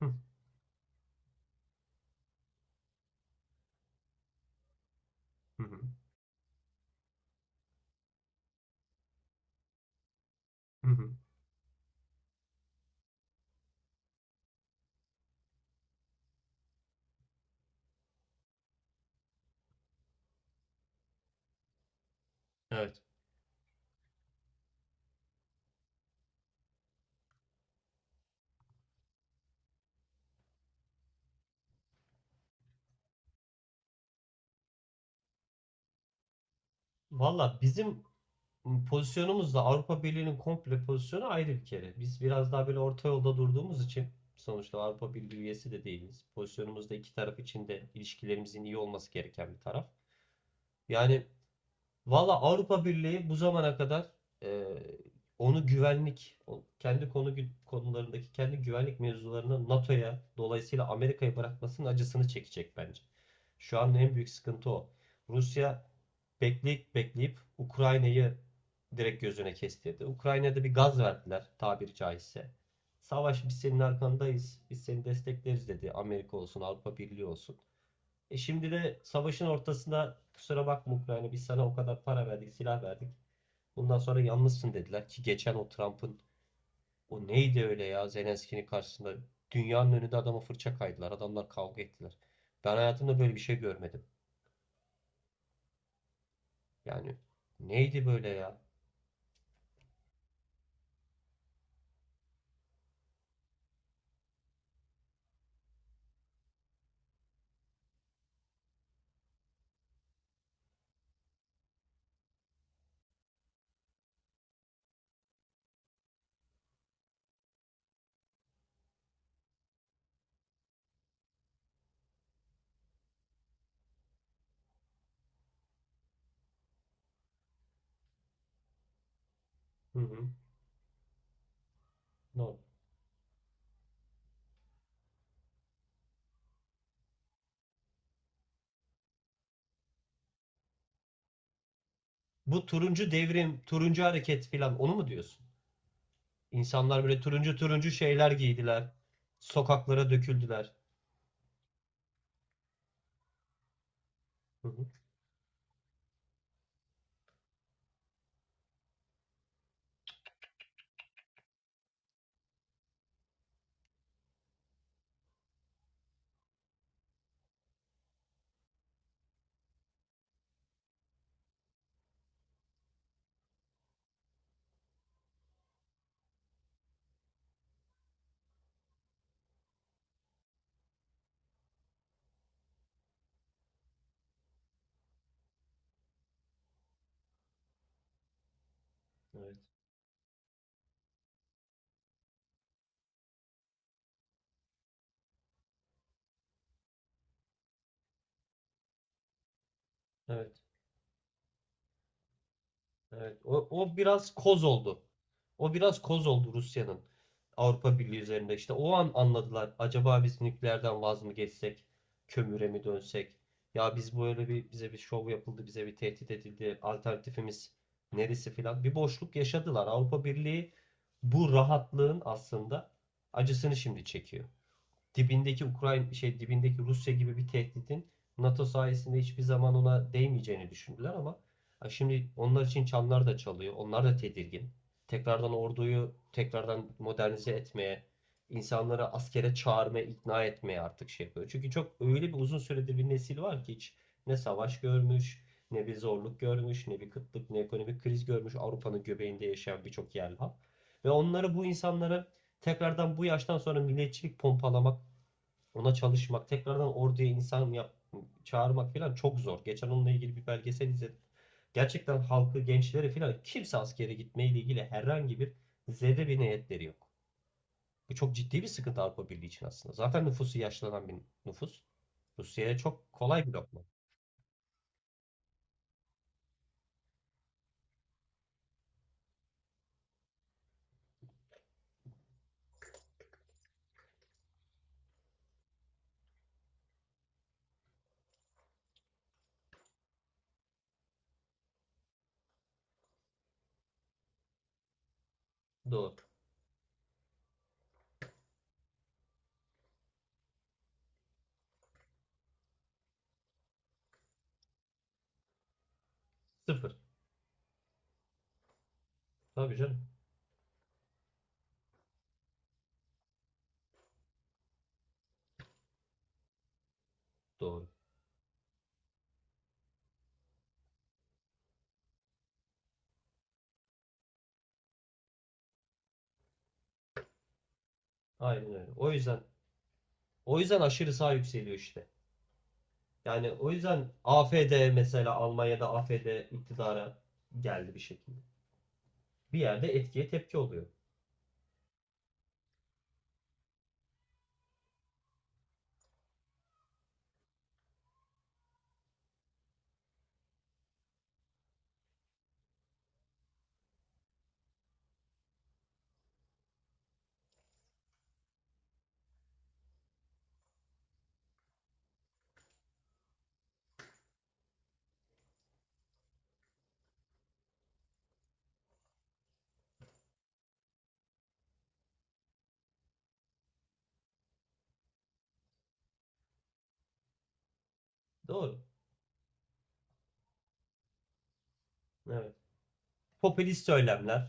Hı hı hı hı. Hı. Evet. Valla bizim pozisyonumuzla Avrupa Birliği'nin komple pozisyonu ayrı bir kere. Biz biraz daha böyle orta yolda durduğumuz için sonuçta Avrupa Birliği üyesi de değiliz. Pozisyonumuz da iki taraf için de ilişkilerimizin iyi olması gereken bir taraf. Yani Valla Avrupa Birliği bu zamana kadar e, onu güvenlik, kendi konularındaki kendi güvenlik mevzularını NATO'ya dolayısıyla Amerika'ya bırakmasının acısını çekecek bence. Şu an en büyük sıkıntı o. Rusya bekleyip bekleyip Ukrayna'yı direkt gözüne kestirdi. Ukrayna'da bir gaz verdiler tabiri caizse. Savaş biz senin arkandayız, biz seni destekleriz dedi. Amerika olsun, Avrupa Birliği olsun. Şimdi de savaşın ortasında kusura bakma Ukrayna biz sana o kadar para verdik, silah verdik. Bundan sonra yalnızsın dediler ki geçen o Trump'ın o neydi öyle ya Zelenski'nin karşısında dünyanın önünde adama fırça kaydılar. Adamlar kavga ettiler. Ben hayatımda böyle bir şey görmedim. Yani neydi böyle ya? Hı hı. No. Bu turuncu devrim, turuncu hareket falan onu mu diyorsun? İnsanlar böyle turuncu turuncu şeyler giydiler. Sokaklara döküldüler. Hı hı. Evet. Evet. Evet, o biraz koz oldu. O biraz koz oldu Rusya'nın Avrupa Birliği üzerinde. İşte o an anladılar. Acaba biz nükleerden vaz mı geçsek, kömüre mi dönsek? Ya biz böyle bir bize bir şov yapıldı, bize bir tehdit edildi. Alternatifimiz neresi filan. Bir boşluk yaşadılar. Avrupa Birliği bu rahatlığın aslında acısını şimdi çekiyor dibindeki Ukrayna şey dibindeki Rusya gibi bir tehditin NATO sayesinde hiçbir zaman ona değmeyeceğini düşündüler ama şimdi onlar için çanlar da çalıyor. Onlar da tedirgin. Tekrardan orduyu tekrardan modernize etmeye, insanları askere çağırmaya, ikna etmeye artık şey yapıyor. Çünkü çok öyle bir uzun süredir bir nesil var ki hiç ne savaş görmüş, ne bir zorluk görmüş, ne bir kıtlık, ne ekonomik kriz görmüş. Avrupa'nın göbeğinde yaşayan birçok yerli halk. Ve onları bu insanları tekrardan bu yaştan sonra milliyetçilik pompalamak ona çalışmak, tekrardan orduya insan yap, çağırmak falan çok zor. Geçen onunla ilgili bir belgesel izledim. Gerçekten halkı, gençleri falan kimse askere gitmeyle ilgili herhangi bir zerre bir niyetleri yok. Bu çok ciddi bir sıkıntı Avrupa Birliği için aslında. Zaten nüfusu yaşlanan bir nüfus. Rusya'ya çok kolay bir lokma. Doğru. Sıfır. Tabii canım. Doğru. Aynen öyle. O yüzden aşırı sağ yükseliyor işte. Yani o yüzden AfD mesela Almanya'da AfD iktidara geldi bir şekilde. Bir yerde etkiye tepki oluyor. Doğru. Evet. Popülist söylemler,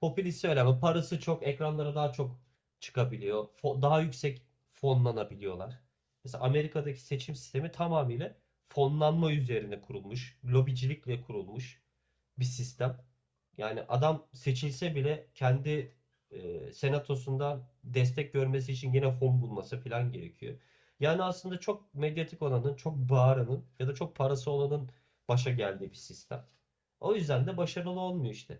Popülist söyleme. Parası çok, ekranlara daha çok çıkabiliyor. Daha yüksek fonlanabiliyorlar. Mesela Amerika'daki seçim sistemi tamamıyla fonlanma üzerine kurulmuş, lobicilikle kurulmuş bir sistem. Yani adam seçilse bile kendi senatosundan destek görmesi için yine fon bulması falan gerekiyor. Yani aslında çok medyatik olanın, çok bağıranın ya da çok parası olanın başa geldiği bir sistem. O yüzden de başarılı olmuyor işte.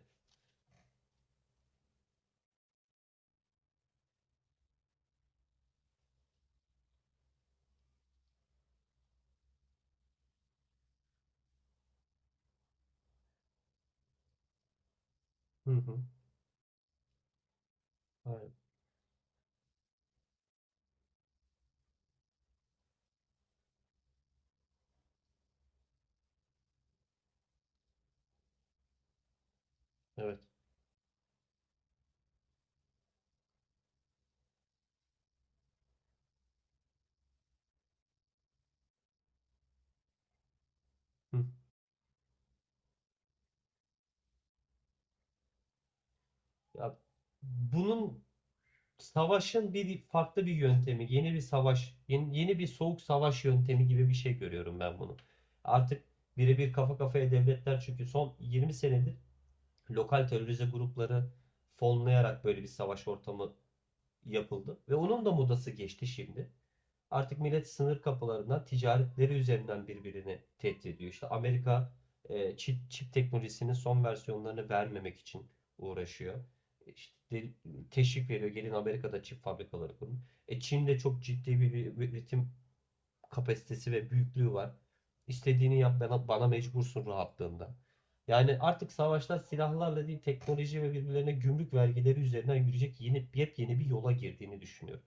Hı hı. Aynen. Evet. Hı. Ya bunun savaşın bir farklı bir yöntemi, yeni bir savaş, yeni bir soğuk savaş yöntemi gibi bir şey görüyorum ben bunu. Artık birebir kafa kafaya devletler çünkü son 20 senedir lokal terörize grupları fonlayarak böyle bir savaş ortamı yapıldı ve onun da modası geçti şimdi. Artık millet sınır kapılarından ticaretleri üzerinden birbirini tehdit ediyor. İşte Amerika çip teknolojisinin son versiyonlarını vermemek için uğraşıyor. İşte teşvik veriyor. Gelin Amerika'da çip fabrikaları kurun. Çin'de çok ciddi bir üretim kapasitesi ve büyüklüğü var. İstediğini yap bana, bana mecbursun rahatlığında. Yani artık savaşlar silahlarla değil teknoloji ve birbirlerine gümrük vergileri üzerinden yürüyecek yeni yepyeni bir yola girdiğini düşünüyorum.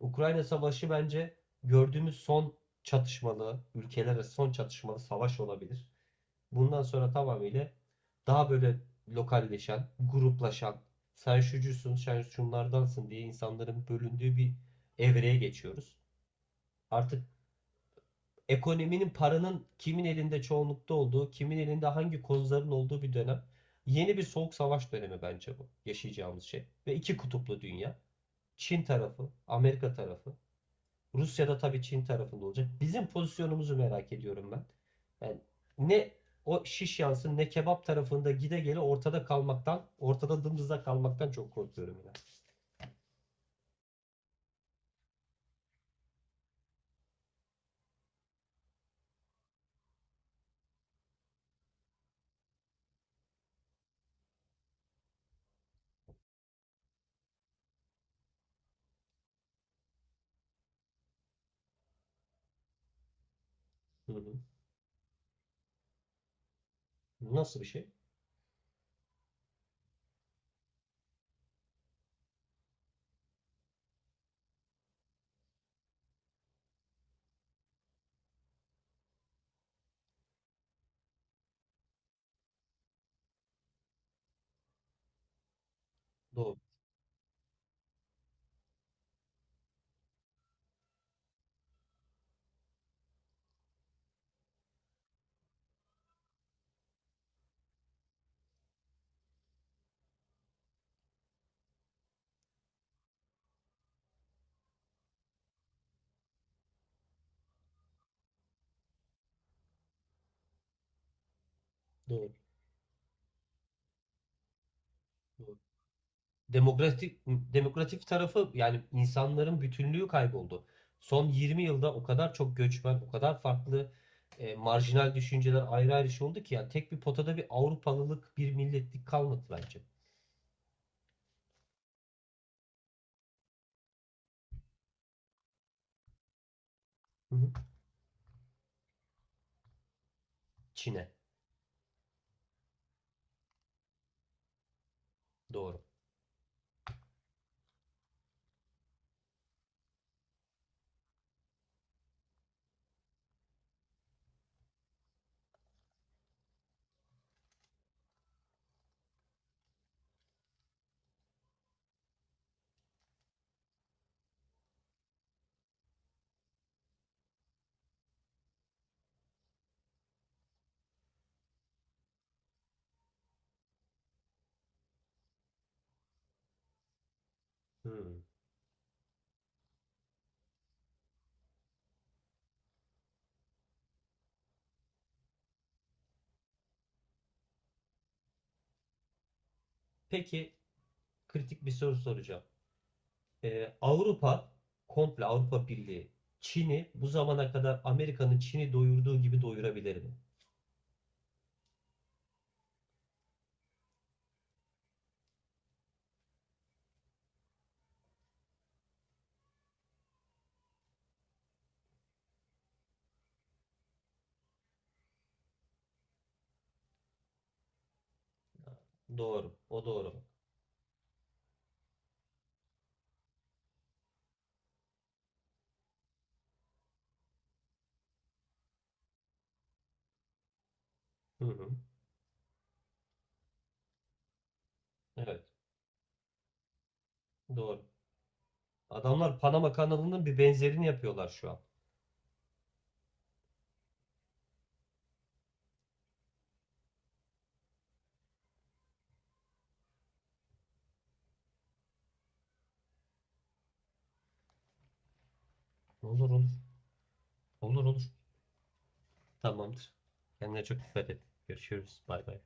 Ukrayna Savaşı bence gördüğümüz son çatışmalı, ülkeler arası son çatışmalı savaş olabilir. Bundan sonra tamamıyla daha böyle lokalleşen, gruplaşan, sen şucusun, sen şunlardansın diye insanların bölündüğü bir evreye geçiyoruz. Artık ekonominin, paranın kimin elinde çoğunlukta olduğu, kimin elinde hangi kozların olduğu bir dönem. Yeni bir soğuk savaş dönemi bence bu yaşayacağımız şey. Ve iki kutuplu dünya. Çin tarafı, Amerika tarafı Rusya'da tabii Çin tarafında olacak. Bizim pozisyonumuzu merak ediyorum ben. Yani ne o şiş yansın ne kebap tarafında gide gele ortada kalmaktan, ortada dımdızda kalmaktan çok korkuyorum ya. Hı hı. Nasıl bir şey? Doğru, doğru, doğru. Demokratik tarafı yani insanların bütünlüğü kayboldu. Son 20 yılda o kadar çok göçmen, o kadar farklı marjinal düşünceler ayrı ayrı şey oldu ki yani tek bir potada bir Avrupalılık, bir milletlik kalmadı bence. Hı hı. Çin'e. Doğru. Hmm. Peki kritik bir soru soracağım. Avrupa, komple Avrupa Birliği, Çin'i bu zamana kadar Amerika'nın Çin'i doyurduğu gibi doyurabilir mi? Doğru. O doğru. Hı hı. Evet. Doğru. Adamlar Panama kanalının bir benzerini yapıyorlar şu an. Olur olur. Olur olur. Tamamdır. Kendine çok dikkat et. Görüşürüz. Bay bay.